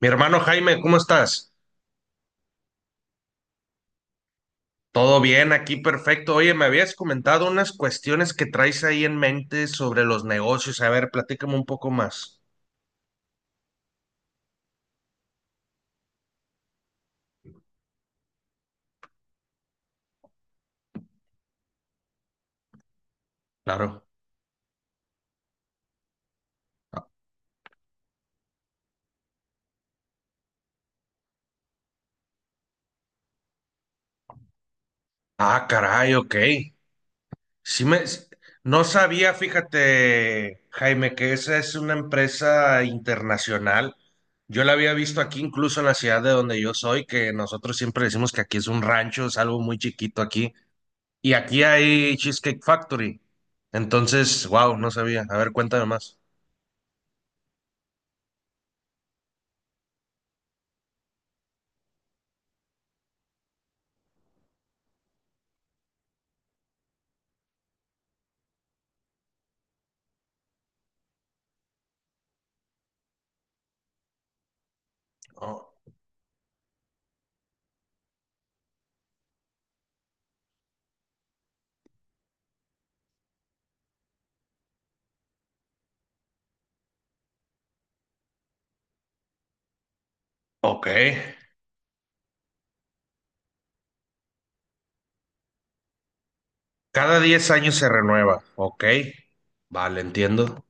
Mi hermano Jaime, ¿cómo estás? Todo bien, aquí perfecto. Oye, me habías comentado unas cuestiones que traes ahí en mente sobre los negocios. A ver, platícame un poco más. Claro. Ah, caray, ok. Sí me... No sabía, fíjate, Jaime, que esa es una empresa internacional. Yo la había visto aquí, incluso en la ciudad de donde yo soy, que nosotros siempre decimos que aquí es un rancho, es algo muy chiquito aquí. Y aquí hay Cheesecake Factory. Entonces, wow, no sabía. A ver, cuéntame más. Oh, ok. Cada 10 años se renueva. Ok. Vale, entiendo.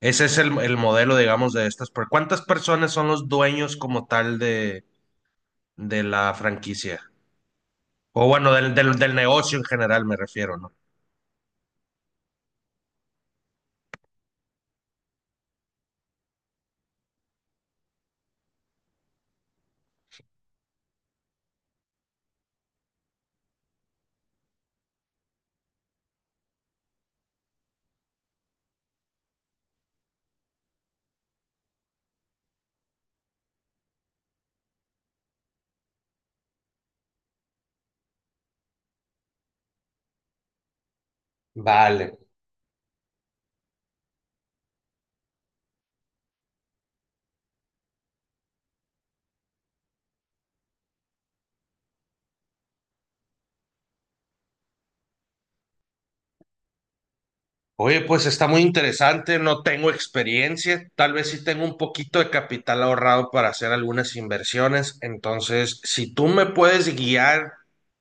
Ese es el modelo, digamos, de estas. ¿Cuántas personas son los dueños como tal de la franquicia? O bueno, del negocio en general me refiero, ¿no? Vale. Oye, pues está muy interesante, no tengo experiencia, tal vez sí tengo un poquito de capital ahorrado para hacer algunas inversiones, entonces si tú me puedes guiar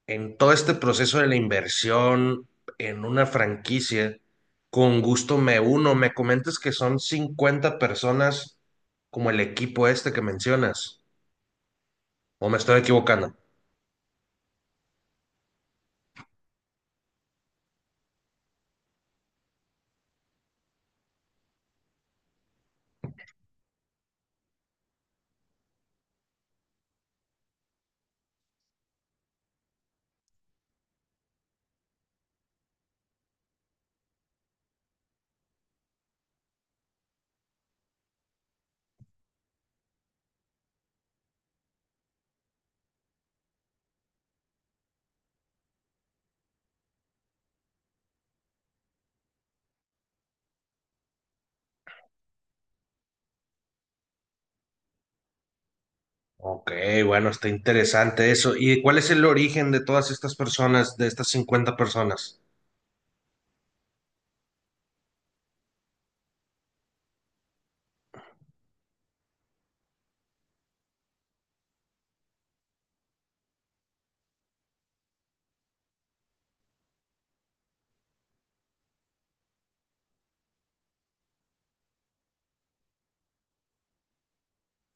en todo este proceso de la inversión en una franquicia, con gusto me uno, me comentas que son 50 personas como el equipo este que mencionas, o me estoy equivocando. Ok, bueno, está interesante eso. ¿Y cuál es el origen de todas estas personas, de estas 50 personas?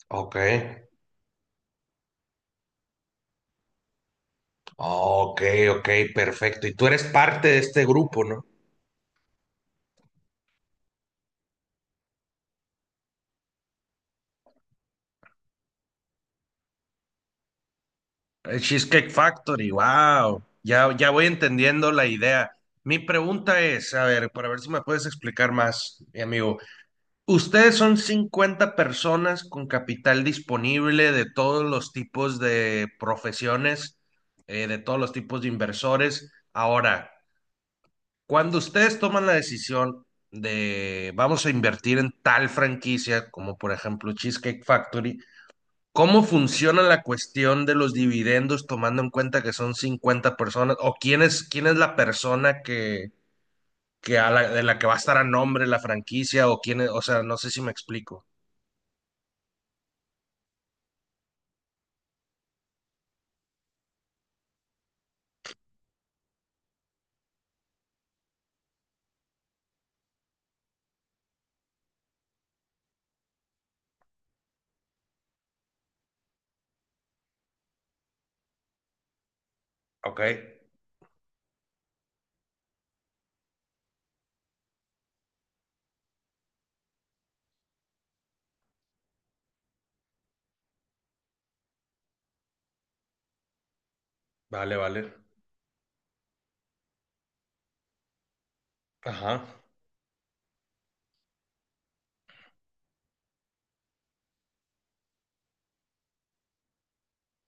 Ok. Ok, ok, perfecto. Y tú eres parte de este grupo, ¿no? El Cheesecake Factory, wow. Ya, ya voy entendiendo la idea. Mi pregunta es, a ver, para ver si me puedes explicar más, mi amigo. Ustedes son 50 personas con capital disponible de todos los tipos de profesiones, de todos los tipos de inversores. Ahora, cuando ustedes toman la decisión de vamos a invertir en tal franquicia, como por ejemplo Cheesecake Factory, ¿cómo funciona la cuestión de los dividendos tomando en cuenta que son 50 personas? ¿O quién es la persona que, de la que va a estar a nombre la franquicia? ¿O quién es? O sea, no sé si me explico. Ok, vale, vale. Ajá,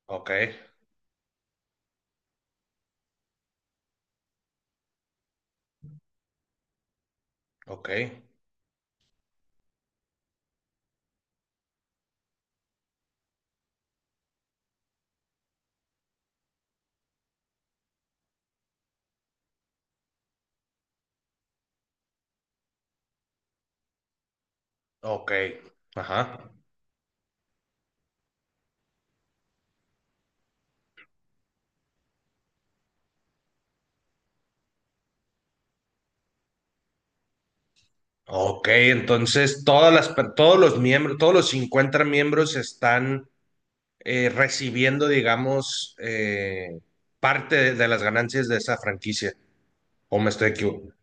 ok, ok, ok, ajá. Ok, entonces todas todos los miembros, todos los 50 miembros están recibiendo, digamos, parte de las ganancias de esa franquicia. ¿O me estoy equivocando?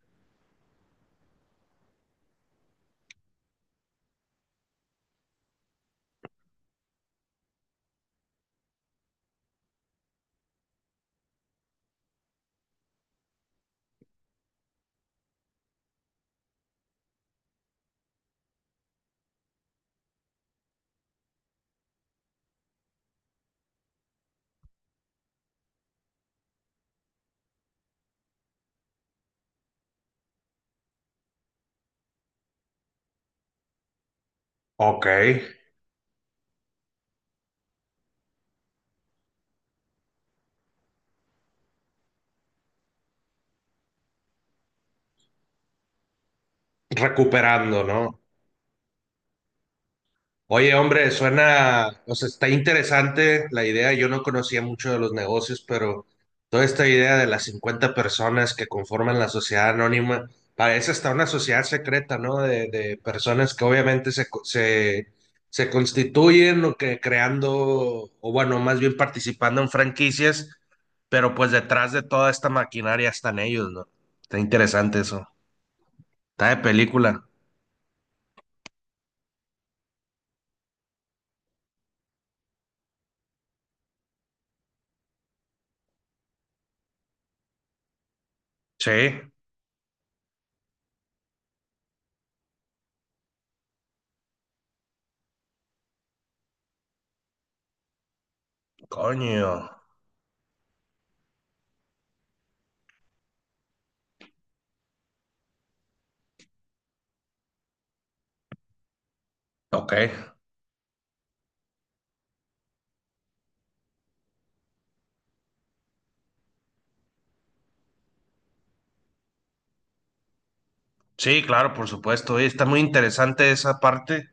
Ok, recuperando, ¿no? Oye, hombre, suena, o sea, está interesante la idea. Yo no conocía mucho de los negocios, pero toda esta idea de las 50 personas que conforman la sociedad anónima, parece hasta una sociedad secreta, ¿no? De personas que obviamente se, se constituyen o que creando, o bueno, más bien participando en franquicias, pero pues detrás de toda esta maquinaria están ellos, ¿no? Está interesante eso. Está de película. Sí. Coño. Ok. Sí, claro, por supuesto. Oye, está muy interesante esa parte.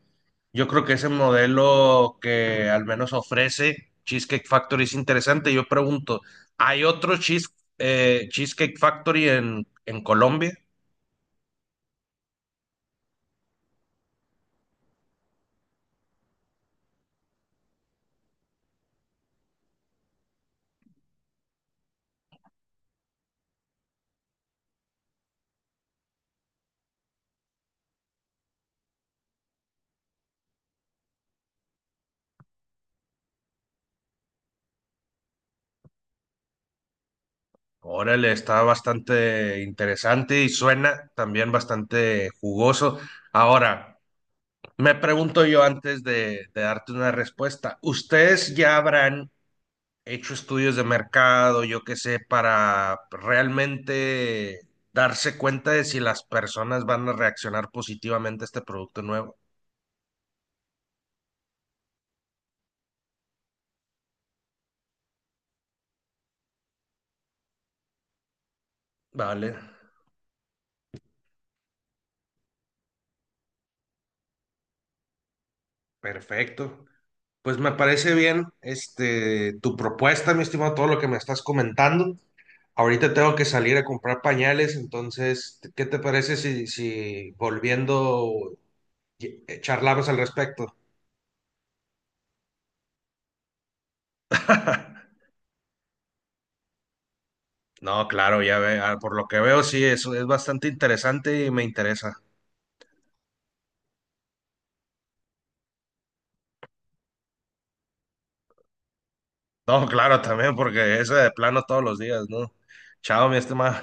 Yo creo que ese modelo que al menos ofrece Cheesecake Factory es interesante. Yo pregunto, ¿hay otro cheese- ¿Cheesecake Factory en Colombia? Órale, está bastante interesante y suena también bastante jugoso. Ahora, me pregunto yo antes de darte una respuesta, ¿ustedes ya habrán hecho estudios de mercado, yo qué sé, para realmente darse cuenta de si las personas van a reaccionar positivamente a este producto nuevo? Vale, perfecto. Pues me parece bien, este, tu propuesta, mi estimado, todo lo que me estás comentando. Ahorita tengo que salir a comprar pañales, entonces, ¿qué te parece si, si volviendo charlamos al respecto? No, claro, ya ve, ah, por lo que veo, sí, eso es bastante interesante y me interesa. No, claro, también, porque ese de plano todos los días, ¿no? Chao, mi estimado.